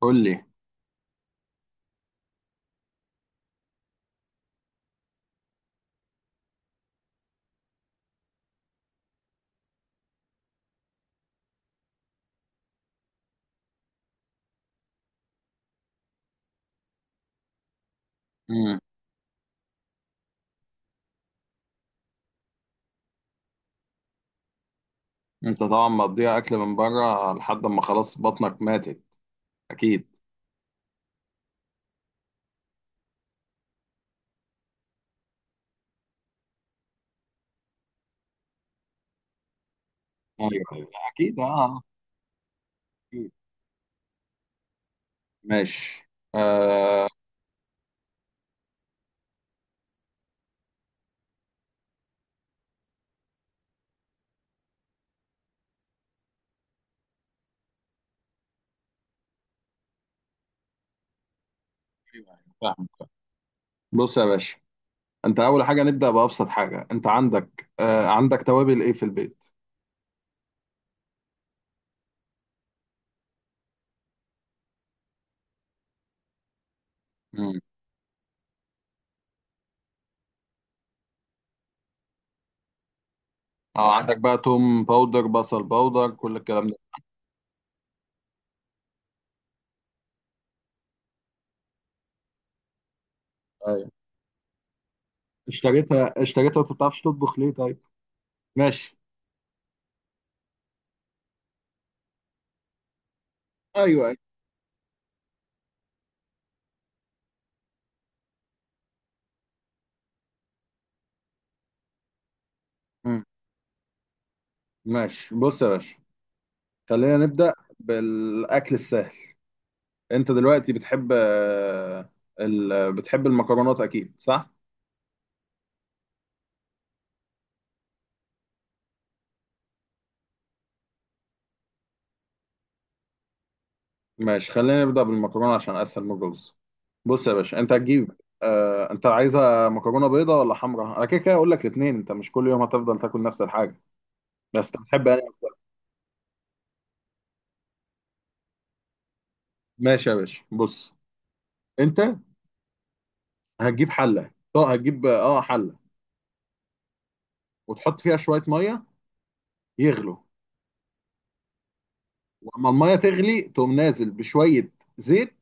قول لي. امم انت طبعا مقضيها اكل من بره لحد ما خلاص بطنك ماتت. اكيد. ايوه، أيوة. اكيد. أكيد. ماشي. آه. أيوة، أيوة، فاهم. بص يا باشا، انت اول حاجه نبدا بابسط حاجه. انت عندك عندك توابل ايه في البيت؟ امم اه، عندك بقى توم باودر، بصل باودر، كل الكلام ده. ايوه. اشتريتها، انت ما بتعرفش تطبخ ليه طيب؟ ماشي. ايوه ايوه. مم. ماشي، بص يا باشا، خلينا نبدا بالاكل السهل. انت دلوقتي بتحب، بتحب المكرونات اكيد، صح؟ ماشي، خلينا نبدا بالمكرونه عشان اسهل من الرز. بص يا باشا، انت هتجيب، انت عايزه مكرونه بيضه ولا حمراء؟ انا كده كده اقول لك الاثنين، انت مش كل يوم هتفضل تاكل نفس الحاجه، بس انت بتحب يعني. ماشي يا باشا، بص، انت هتجيب حله. اه هتجيب اه حله. وتحط فيها شويه ميه يغلوا. واما الميه تغلي تقوم نازل بشويه زيت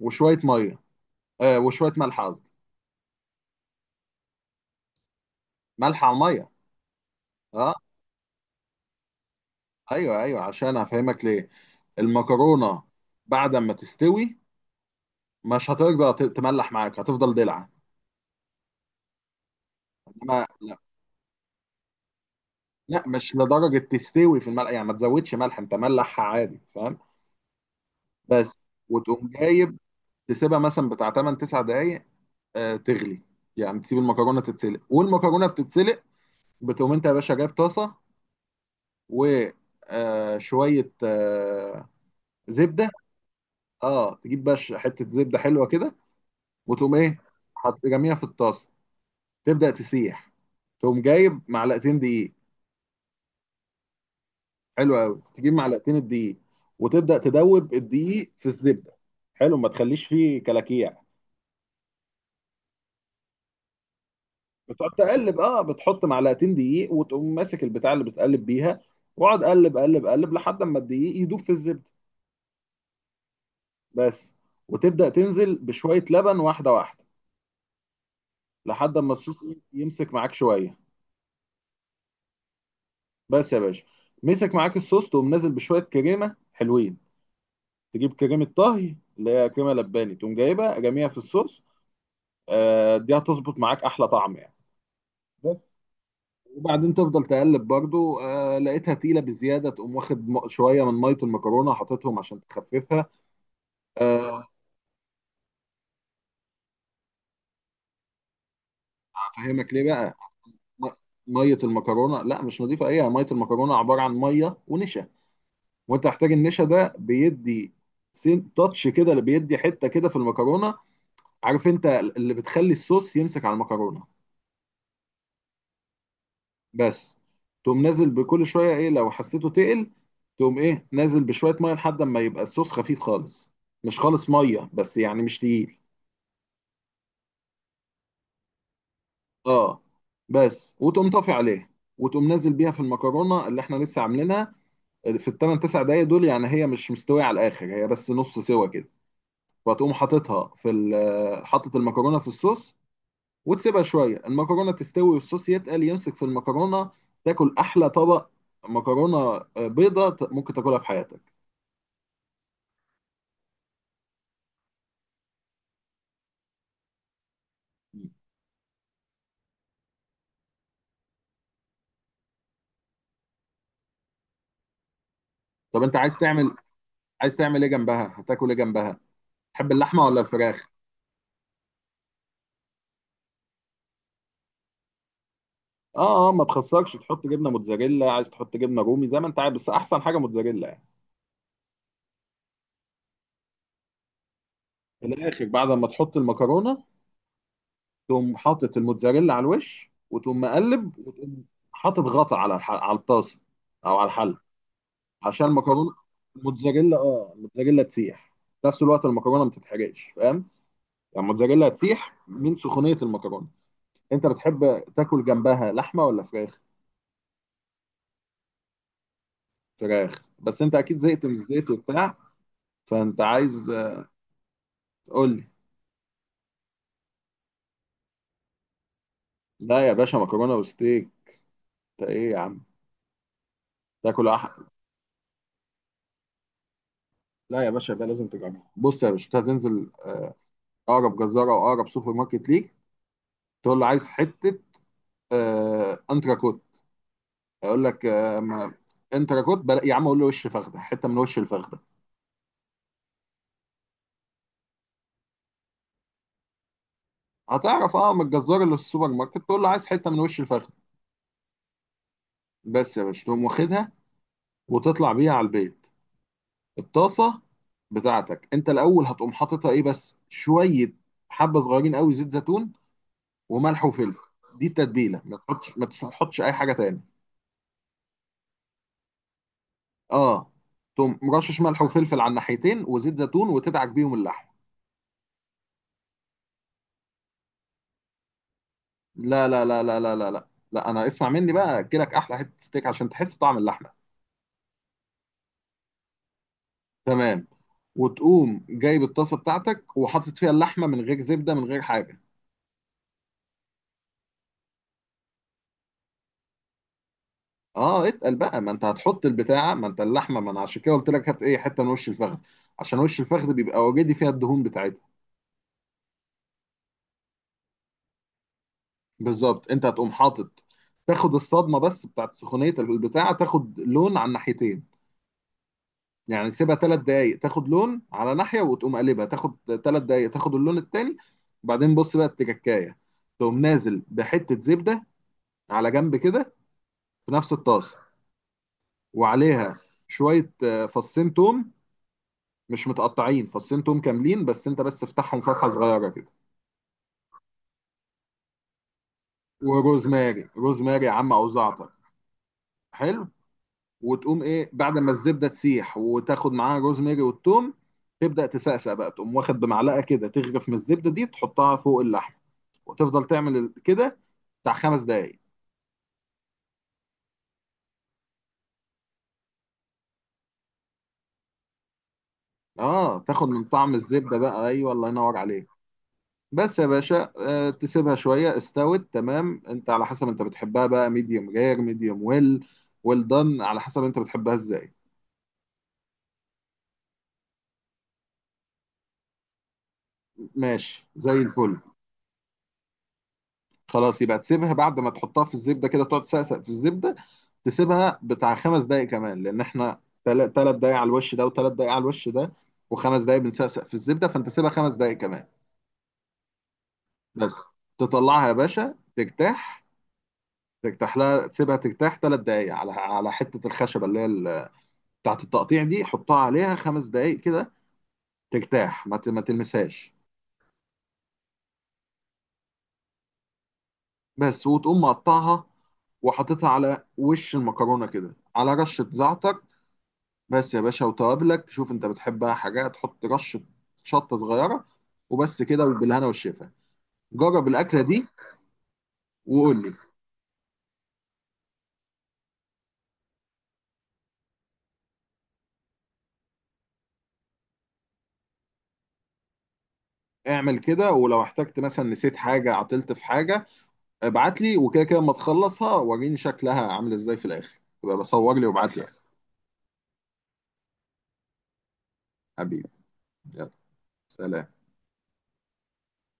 وشويه ميه. وشويه ملح قصدي. ملح على الميه. اه. ايوه ايوه، عشان هفهمك ليه. المكرونه بعد ما تستوي مش هترجع تملح معاك، هتفضل دلع. انما لا، لا مش لدرجه تستوي في الملح يعني، ما تزودش ملح، انت ملحها عادي، فاهم. بس، وتقوم جايب، تسيبها مثلا بتاع 8 9 دقائق تغلي. يعني تسيب المكرونه تتسلق، والمكرونه بتتسلق. بتقوم انت يا باشا جايب طاسه و آه شويه آه زبده. اه، تجيب بقى حته زبده حلوه كده، وتقوم ايه، حط جميع في الطاسه، تبدا تسيح. تقوم جايب معلقتين دقيق. حلو قوي، تجيب معلقتين الدقيق وتبدا تدوب الدقيق في الزبده. حلو، ما تخليش فيه كلاكيع. بتقعد تقلب، اه بتحط معلقتين دقيق وتقوم ماسك البتاع اللي بتقلب بيها، واقعد قلب قلب قلب لحد اما الدقيق يدوب في الزبده. بس. وتبدا تنزل بشويه لبن، واحده واحده، لحد اما الصوص يمسك معاك شويه. بس يا باشا، مسك معاك الصوص، تقوم نازل بشويه كريمه حلوين، تجيب كريمه طهي اللي هي كريمه لباني، تقوم جايبها جميع في الصوص. دي هتظبط معاك احلى طعم يعني. بس. وبعدين تفضل تقلب برضو، آه لقيتها تقيله بزياده، تقوم واخد شويه من ميه المكرونه حاططهم عشان تخففها. آه افهمك ليه بقى. م- ميه المكرونه لا مش نظيفه، ايه ميه المكرونه عباره عن ميه ونشا، وانت هتحتاج النشا ده بيدي سين تاتش كده، اللي بيدي حته كده في المكرونه، عارف، انت اللي بتخلي الصوص يمسك على المكرونه. بس. تقوم نازل بكل شويه، ايه لو حسيته تقل تقوم ايه نازل بشويه ميه لحد ما يبقى الصوص خفيف خالص، مش خالص ميه بس يعني، مش تقيل. اه. بس وتقوم طافي عليه وتقوم نازل بيها في المكرونه اللي احنا لسه عاملينها في الثمان تسع دقايق دول، يعني هي مش مستويه على الاخر، هي بس نص سوا كده، وتقوم حاططها في حاطط المكرونه في الصوص، وتسيبها شويه المكرونه تستوي والصوص يتقل يمسك في المكرونه. تاكل احلى طبق مكرونه بيضه ممكن تاكلها في حياتك. مم. طب انت عايز تعمل، عايز تعمل ايه جنبها؟ هتاكل ايه جنبها؟ تحب اللحمه ولا الفراخ؟ اه اه، ما تخسرش، تحط جبنه موتزاريلا، عايز تحط جبنه رومي زي ما انت عايز، بس احسن حاجه موتزاريلا يعني. في الاخر بعد ما تحط المكرونه، تقوم حاطط الموتزاريلا على الوش، وتقوم مقلب، وتقوم حاطط غطا على على الطاسه او على الحل عشان المكرونه، الموتزاريلا، الموتزاريلا تسيح في نفس الوقت المكرونه ما تتحرقش، فاهم؟ يعني الموتزاريلا تسيح من سخونيه المكرونه. انت بتحب تاكل جنبها لحمه ولا فراخ؟ فراخ. بس انت اكيد زهقت من الزيت وبتاع، فانت عايز تقول لي. لا يا باشا، مكرونه وستيك. انت ايه يا عم؟ تاكل لا يا باشا، ده لازم تجربه. بص يا باشا، أنت هتنزل اقرب جزاره او اقرب سوبر ماركت ليك، تقول له عايز حته انتراكوت. هيقول لك آه ما انتراكوت بلا... يا عم قول له وش فخده، حته من وش الفخده. هتعرف اه من الجزار اللي في السوبر ماركت، تقول له عايز حته من وش الفخده. بس يا باشا، تقوم واخدها وتطلع بيها على البيت. الطاسه بتاعتك انت الاول هتقوم حاططها ايه بس شويه، حبه صغيرين قوي زيت زيتون وملح وفلفل. دي التتبيله، ما تحطش ما تحطش اي حاجه تاني. اه، تقوم مرشش ملح وفلفل على الناحيتين وزيت زيتون وتدعك بيهم اللحم. لا لا لا لا لا لا لا لا، انا اسمع مني بقى، اكلك احلى حته ستيك عشان تحس بطعم اللحمه. تمام. وتقوم جايب الطاسه بتاعتك وحاطط فيها اللحمه من غير زبده من غير حاجه. اه اتقل بقى، ما انت هتحط البتاعه، ما انت اللحمه، ما انا عشان كده قلت لك هات ايه حته من وش الفخذ، عشان وش الفخذ بيبقى وجدي فيها الدهون بتاعتها. بالظبط، انت هتقوم حاطط، تاخد الصدمه بس بتاعت سخونيه البتاعه، تاخد لون على الناحيتين، يعني سيبها 3 دقائق تاخد لون على ناحيه وتقوم قلبها تاخد 3 دقائق تاخد اللون التاني. وبعدين بص بقى التكاكايه، تقوم نازل بحته زبده على جنب كده في نفس الطاسه، وعليها شويه فصين توم، مش متقطعين، فصين توم كاملين، بس انت بس افتحهم فتحه صغيره كده. وروزماري روزماري يا عم، او زعتر. حلو. وتقوم ايه بعد ما الزبده تسيح وتاخد معاها روزماري والثوم، تبدا تسقسق بقى، تقوم واخد بمعلقه كده تغرف من الزبده دي تحطها فوق اللحم، وتفضل تعمل كده بتاع 5 دقايق. اه، تاخد من طعم الزبده بقى، ايوه، الله ينور عليك. بس يا باشا، تسيبها شوية استوت تمام انت، على حسب انت بتحبها بقى، ميديوم رير، ميديوم ويل، ويل دان، على حسب انت بتحبها ازاي. ماشي زي الفل. خلاص، يبقى تسيبها بعد ما تحطها في الزبدة كده، تقعد تسقسق في الزبدة، تسيبها بتاع 5 دقايق كمان، لان احنا 3 دقايق على الوش ده وتلات دقايق على الوش ده وخمس دقايق بنسقسق في الزبدة، فانت سيبها 5 دقايق كمان. بس، تطلعها يا باشا ترتاح، ترتاح لها، تسيبها ترتاح 3 دقايق على على حتة الخشبة اللي هي بتاعت التقطيع دي، حطها عليها 5 دقايق كده، ترتاح، ما تلمسهاش. بس، وتقوم مقطعها وحاططها على وش المكرونه كده، على رشه زعتر بس يا باشا، وتوابلك شوف انت بتحبها حاجه، تحط رشه شطه صغيره وبس كده، وبالهنا والشفا. جرب الاكله دي وقول لي. اعمل كده، ولو احتجت مثلا نسيت حاجه، عطلت في حاجه، ابعت لي، وكده كده اما تخلصها وريني شكلها عامل ازاي في الاخر، يبقى بصور لي وابعت لي. حبيبي. يلا. سلام.